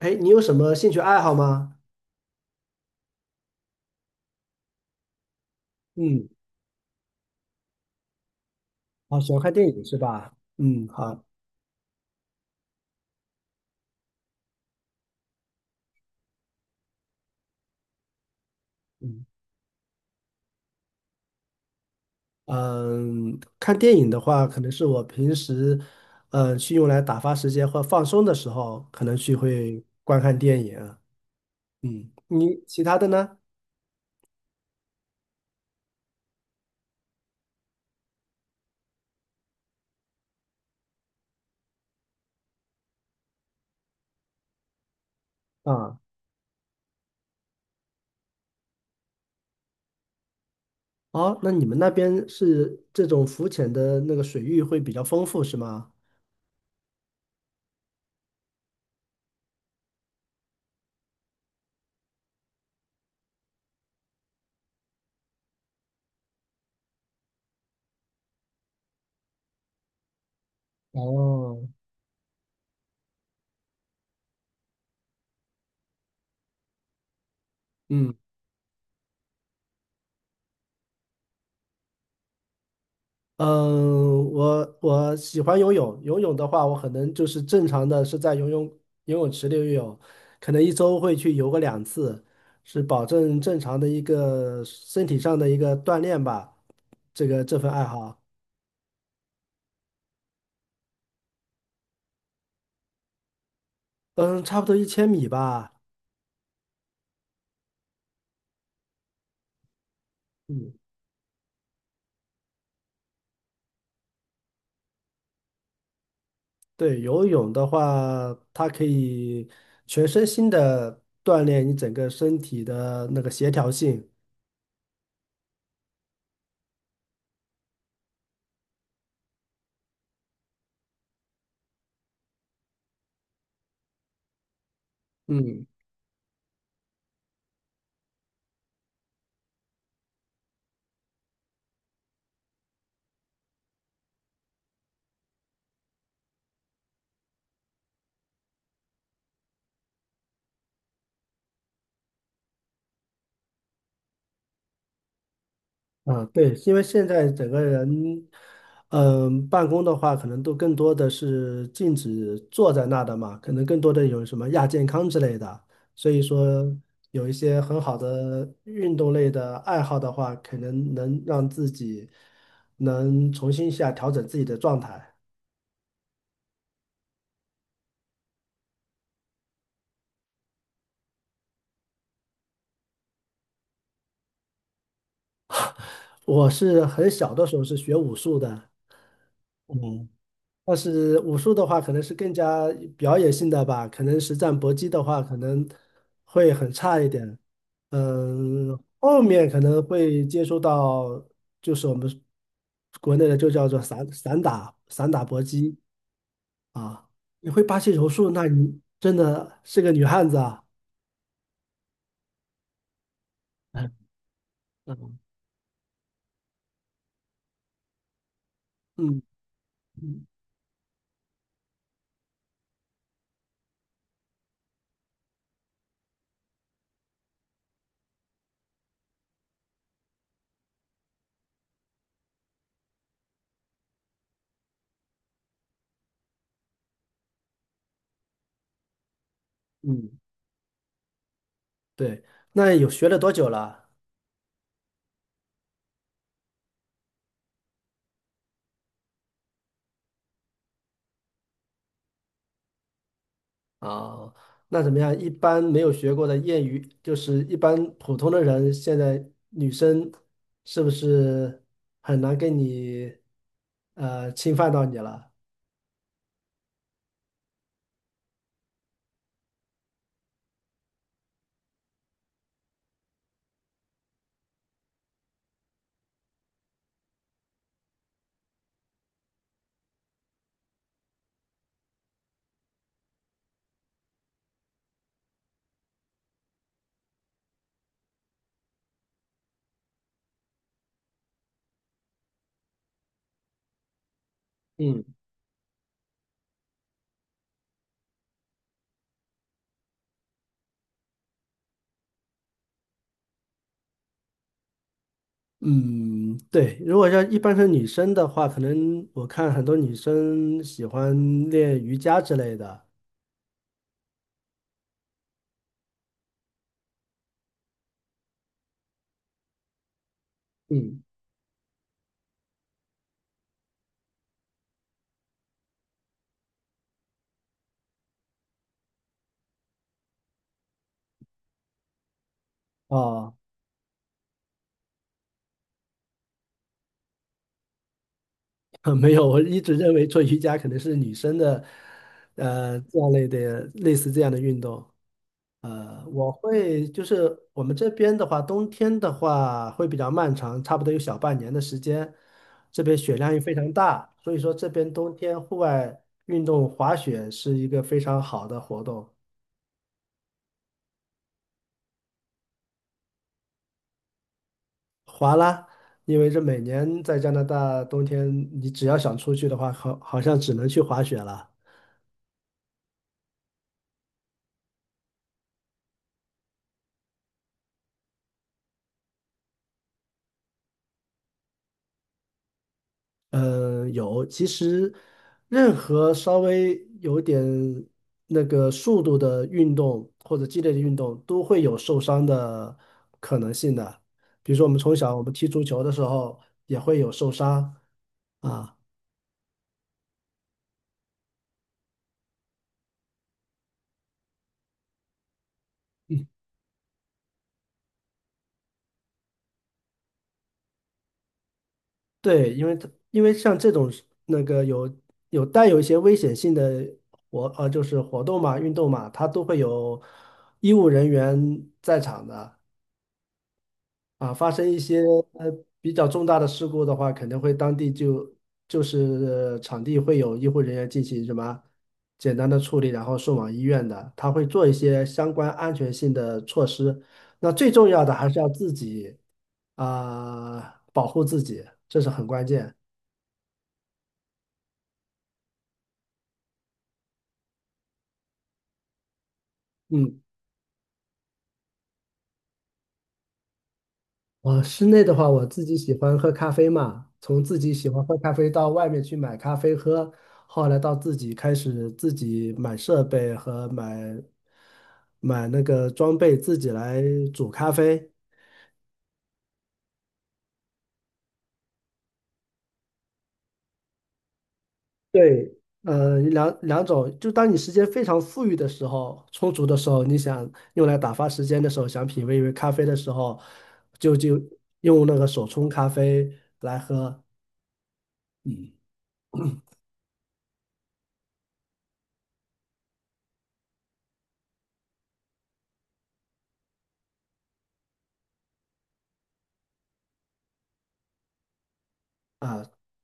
哎，你有什么兴趣爱好吗？嗯，好，喜欢看电影是吧？嗯，好，嗯，嗯，看电影的话，可能是我平时，去用来打发时间或放松的时候，可能去会观看电影啊。嗯，你其他的呢？啊，哦，那你们那边是这种浮潜的那个水域会比较丰富，是吗？哦，嗯。嗯，我喜欢游泳。游泳的话，我可能就是正常的是在游泳游泳池里游泳，可能一周会去游个两次，是保证正常的一个身体上的一个锻炼吧。这个这份爱好，嗯，差不多1000米吧。嗯，对，游泳的话，它可以全身心的锻炼你整个身体的那个协调性。嗯。啊，对，因为现在整个人，嗯、办公的话，可能都更多的是禁止坐在那的嘛，可能更多的有什么亚健康之类的，所以说有一些很好的运动类的爱好的话，可能能让自己能重新一下调整自己的状态。我是很小的时候是学武术的，嗯。但是武术的话，可能是更加表演性的吧，可能实战搏击的话，可能会很差一点。嗯，后面可能会接触到，就是我们国内的就叫做散打、散打搏击啊。你会巴西柔术，那你真的是个女汉子啊。嗯嗯，对。那有学了多久了？啊，那怎么样？一般没有学过的业余，就是一般普通的人，现在女生是不是很难跟你侵犯到你了？嗯，嗯，对，如果说一般是女生的话，可能我看很多女生喜欢练瑜伽之类的。嗯，哦，没有，我一直认为做瑜伽可能是女生的，这样类的类似这样的运动。呃，我会就是我们这边的话，冬天的话会比较漫长，差不多有小半年的时间。这边雪量也非常大，所以说这边冬天户外运动滑雪是一个非常好的活动。滑啦，因为这每年在加拿大冬天，你只要想出去的话，好好像只能去滑雪了。嗯，有。其实，任何稍微有点那个速度的运动或者激烈的运动，都会有受伤的可能性的。比如说，我们从小我们踢足球的时候也会有受伤啊。嗯，对，因为它因为像这种那个有有带有一些危险性的就是活动嘛、运动嘛，它都会有医务人员在场的。啊，发生一些呃比较重大的事故的话，肯定会当地就就是场地会有医护人员进行什么简单的处理，然后送往医院的，他会做一些相关安全性的措施。那最重要的还是要自己啊，保护自己，这是很关键。嗯。啊，室内的话，我自己喜欢喝咖啡嘛，从自己喜欢喝咖啡到外面去买咖啡喝，后来到自己开始自己买设备和买那个装备，自己来煮咖啡。对，两种，就当你时间非常富裕的时候，充足的时候，你想用来打发时间的时候，想品味一杯咖啡的时候，就用那个手冲咖啡来喝。嗯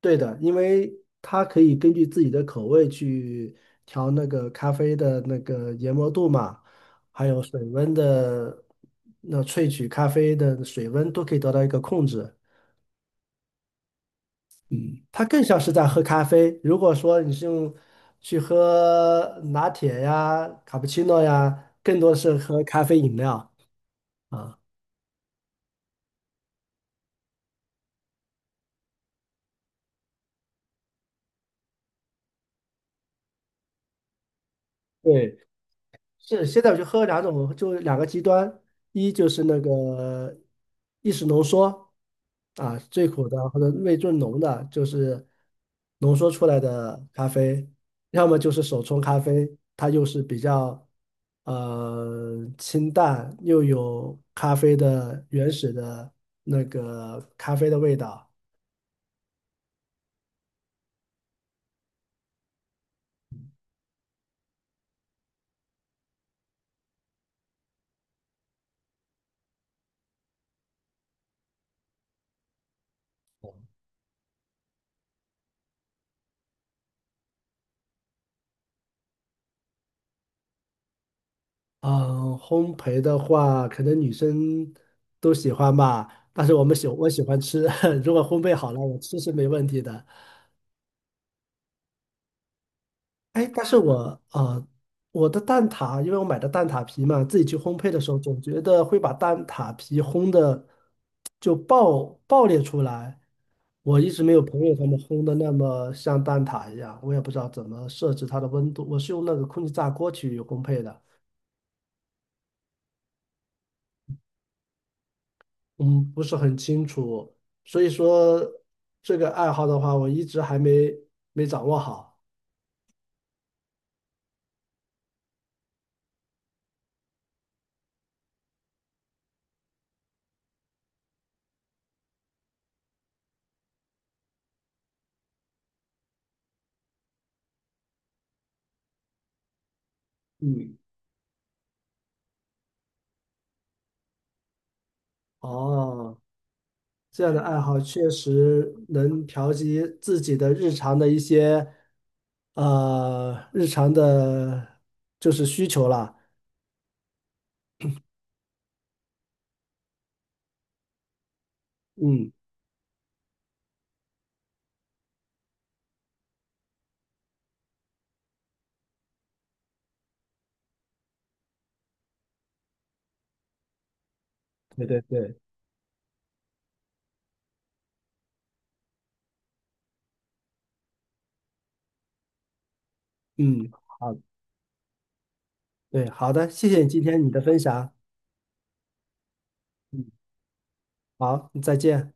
对的，因为它可以根据自己的口味去调那个咖啡的那个研磨度嘛，还有水温的，那萃取咖啡的水温都可以得到一个控制。它更像是在喝咖啡。如果说你是用去喝拿铁呀、卡布奇诺呀，更多是喝咖啡饮料啊。对。是，现在我就喝两种，就两个极端，一就是那个意式浓缩啊，最苦的或者味最浓的，就是浓缩出来的咖啡，要么就是手冲咖啡，它又是比较清淡，又有咖啡的原始的那个咖啡的味道。嗯，烘焙的话，可能女生都喜欢吧，但是我喜欢吃，如果烘焙好了，我吃是没问题的。哎，但是我呃，我的蛋挞，因为我买的蛋挞皮嘛，自己去烘焙的时候，总觉得会把蛋挞皮烘的就爆裂出来。我一直没有朋友他们烘的那么像蛋挞一样，我也不知道怎么设置它的温度，我是用那个空气炸锅去烘焙的。嗯，不是很清楚，所以说这个爱好的话，我一直还没掌握好。嗯，哦，这样的爱好确实能调节自己的日常的一些日常的，就是需求啦。嗯，对对对，嗯，好，对，好的，谢谢你今天你的分享。嗯好，再见。